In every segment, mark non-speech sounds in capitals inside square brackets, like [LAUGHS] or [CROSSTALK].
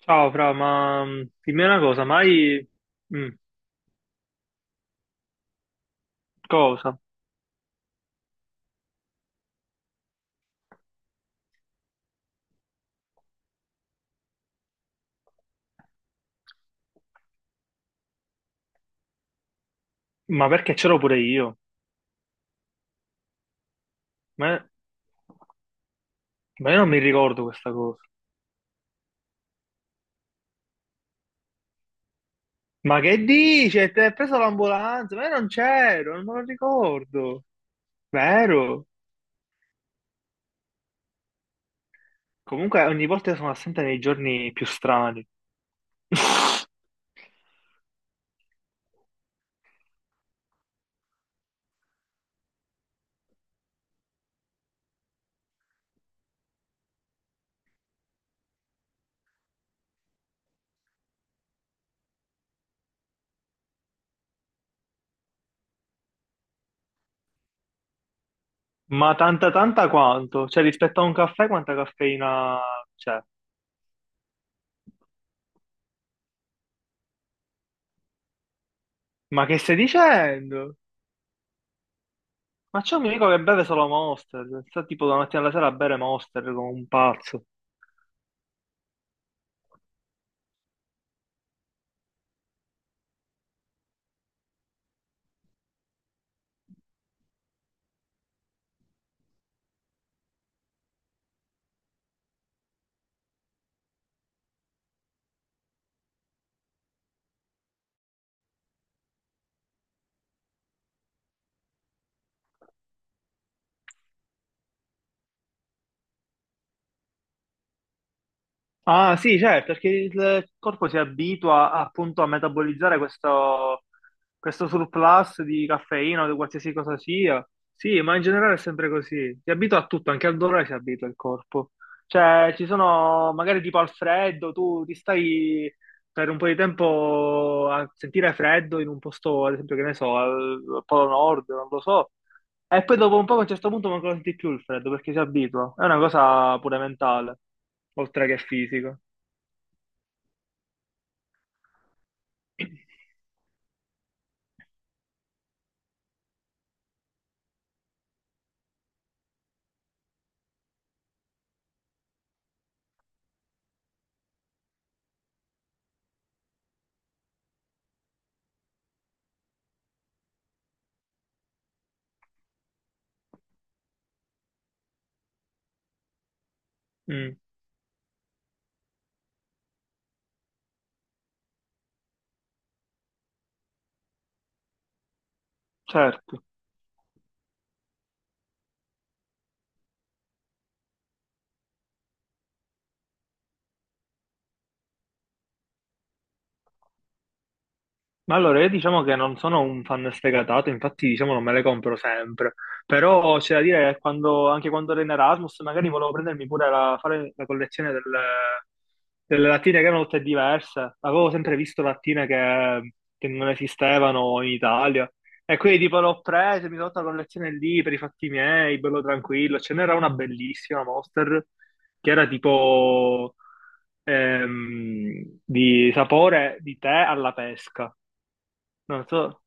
Ciao Fra, ma dimmi una cosa, ma hai... mm, cosa? Ma perché c'ero pure io? Ma, ma io non mi ricordo questa cosa. Ma che dici? Ti hai preso l'ambulanza? Ma io non c'ero, non me lo ricordo. Vero? Comunque ogni volta sono assente nei giorni più strani. Ma tanta tanta quanto? Cioè rispetto a un caffè quanta caffeina c'è? Ma che stai dicendo? Ma c'è un mio amico che beve solo Monster, sta tipo da mattina alla sera a bere Monster come un pazzo. Ah sì, certo, perché il corpo si abitua appunto a metabolizzare questo surplus di caffeina o di qualsiasi cosa sia. Sì, ma in generale è sempre così. Si abitua a tutto, anche al dolore si abitua il corpo. Cioè, ci sono magari tipo al freddo, tu ti stai per un po' di tempo a sentire freddo in un posto, ad esempio, che ne so, al Polo Nord, non lo so. E poi dopo un po' a un certo punto non lo senti più il freddo perché si abitua. È una cosa pure mentale, oltre che fisica. [CLEARS THROAT] Mm, certo. Ma allora, io diciamo che non sono un fan sfegatato, infatti diciamo non me le compro sempre, però c'è da dire che quando, anche quando ero in Erasmus magari volevo prendermi pure fare la collezione delle lattine che erano tutte diverse, avevo sempre visto lattine che non esistevano in Italia e quindi tipo l'ho presa, mi sono fatta la collezione lì per i fatti miei, bello tranquillo, ce n'era una bellissima Monster che era tipo di sapore di tè alla pesca. Non so,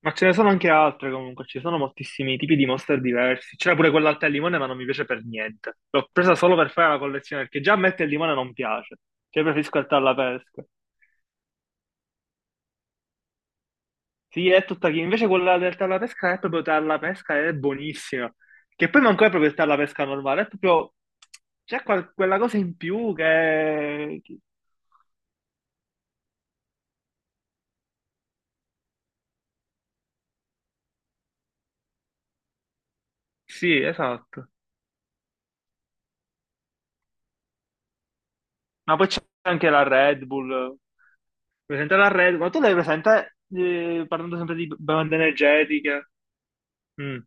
ma ce ne sono anche altre comunque, ci sono moltissimi tipi di monster diversi. C'era pure quella al tè al limone, ma non mi piace per niente. L'ho presa solo per fare la collezione, perché già a me il tè al limone non piace. Cioè preferisco il tè alla pesca. Sì, è tutta chi. Invece quella del tè alla pesca è proprio tè alla pesca, ed è buonissima. Che poi manco è proprio il tè alla pesca normale, è proprio... C'è quella cosa in più che... Sì, esatto. Ma poi c'è anche la Red Bull. Presente la Red, ma tu l'hai presente, parlando sempre di bevande energetiche? Mm.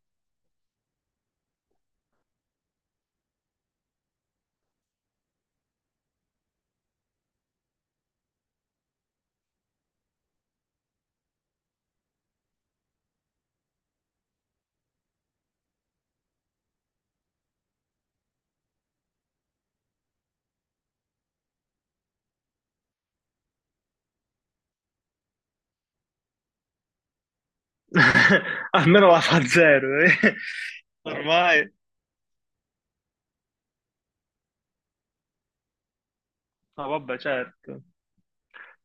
[LAUGHS] Almeno la fa zero, eh. Ormai. No, vabbè, certo.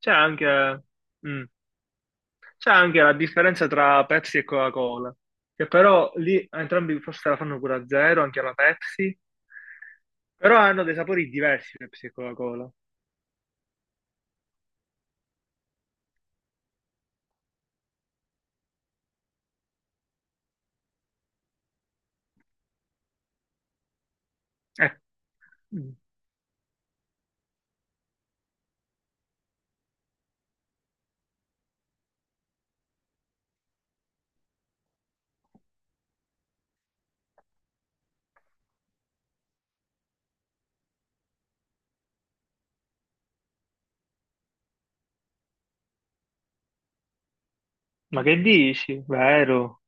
C'è anche, mm, c'è anche la differenza tra Pepsi e Coca-Cola, che però lì entrambi forse la fanno pure a zero, anche la Pepsi, però hanno dei sapori diversi Pepsi e Coca-Cola. Eh, mm, ma che dici? Vero?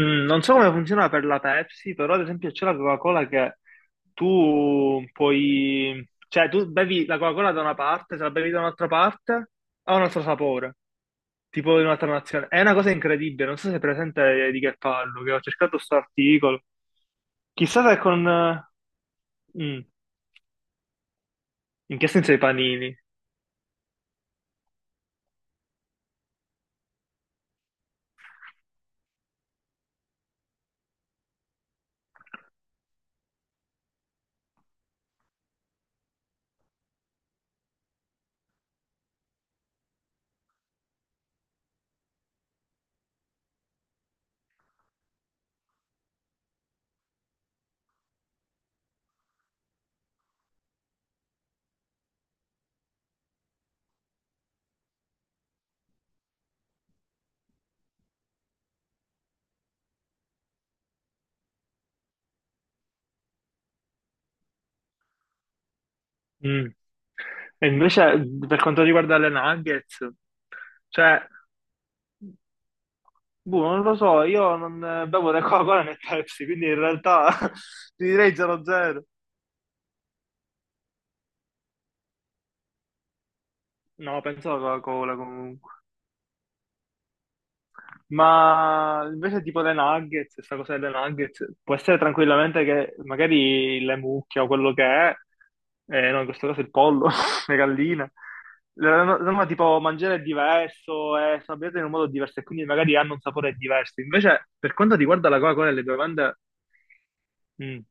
Mm, non so come funziona per la Pepsi, però ad esempio c'è la Coca-Cola che tu puoi... Cioè, tu bevi la Coca-Cola da una parte, se la bevi da un'altra parte, ha un altro sapore, tipo di un'altra nazione. È una cosa incredibile, non so se è presente di che parlo, che ho cercato sto articolo. Chissà se con... mm, in che senso i panini? Mm. E invece per quanto riguarda le nuggets, cioè boh, non lo so, io non bevo né Coca-Cola né Pepsi, quindi in realtà [LAUGHS] ti direi 0-0. No, penso alla Coca-Cola comunque. Ma invece tipo le nuggets, questa cosa delle nuggets, può essere tranquillamente che magari le mucche o quello che è, no, in questo caso il pollo, [LAUGHS] le galline, no, no, tipo mangiare è diverso, è sabbiato in un modo diverso e quindi magari hanno un sapore diverso. Invece per quanto riguarda la Coca-Cola e le bevande... mm,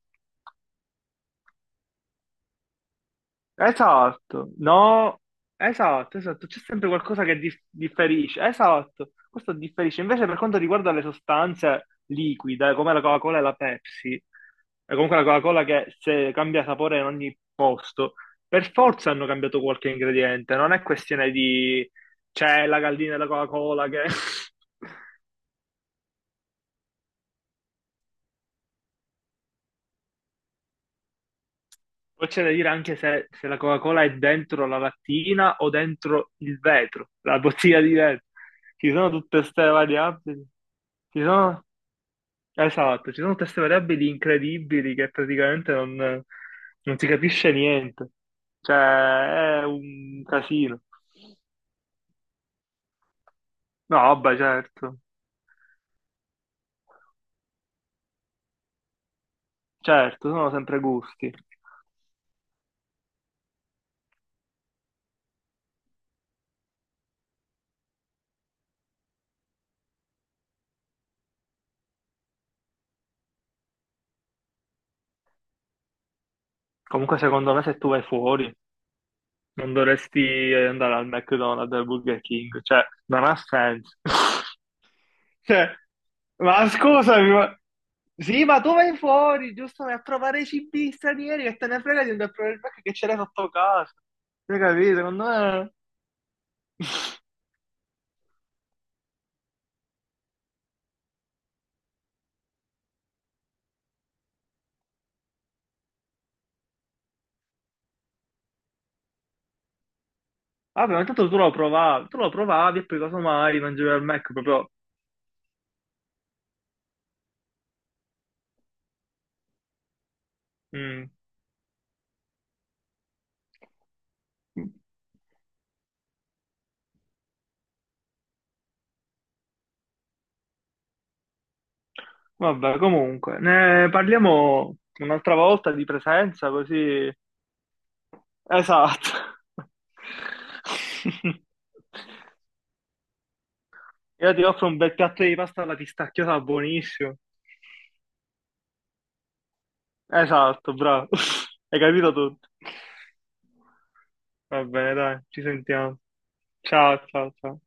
esatto, no, esatto, esatto, c'è sempre qualcosa che differisce, esatto, questo differisce. Invece per quanto riguarda le sostanze liquide, come la Coca-Cola e la Pepsi, e comunque la Coca-Cola che se cambia sapore in ogni posto, per forza hanno cambiato qualche ingrediente, non è questione di c'è la gallina della Coca-Cola che... [LAUGHS] Poi c'è da dire anche se la Coca-Cola è dentro la lattina o dentro il vetro, la bottiglia di vetro. Ci sono tutte queste variabili. Ci sono, esatto, ci sono queste variabili incredibili che praticamente non si capisce niente. Cioè, è un casino. No, vabbè, certo, certo, sono sempre gusti. Comunque, secondo me, se tu vai fuori, non dovresti andare al McDonald's, al Burger King. Cioè, non ha senso. [LAUGHS] Cioè, ma scusami, ma... Sì, ma tu vai fuori, giusto? Vai a provare i cibi stranieri che te ne frega di andare a provare il Mac che ce l'hai sotto casa. Hai capito? Secondo me... Vabbè, ma intanto tu lo provavi e poi casomai mangiavi al Mac proprio... mm. Vabbè, comunque, ne parliamo un'altra volta di presenza, così... Esatto. [LAUGHS] Io ti offro un bel piatto di pasta alla pistacchiata buonissimo. Esatto, bravo. [LAUGHS] Hai capito tutto. Va bene, dai, ci sentiamo. Ciao, ciao, ciao.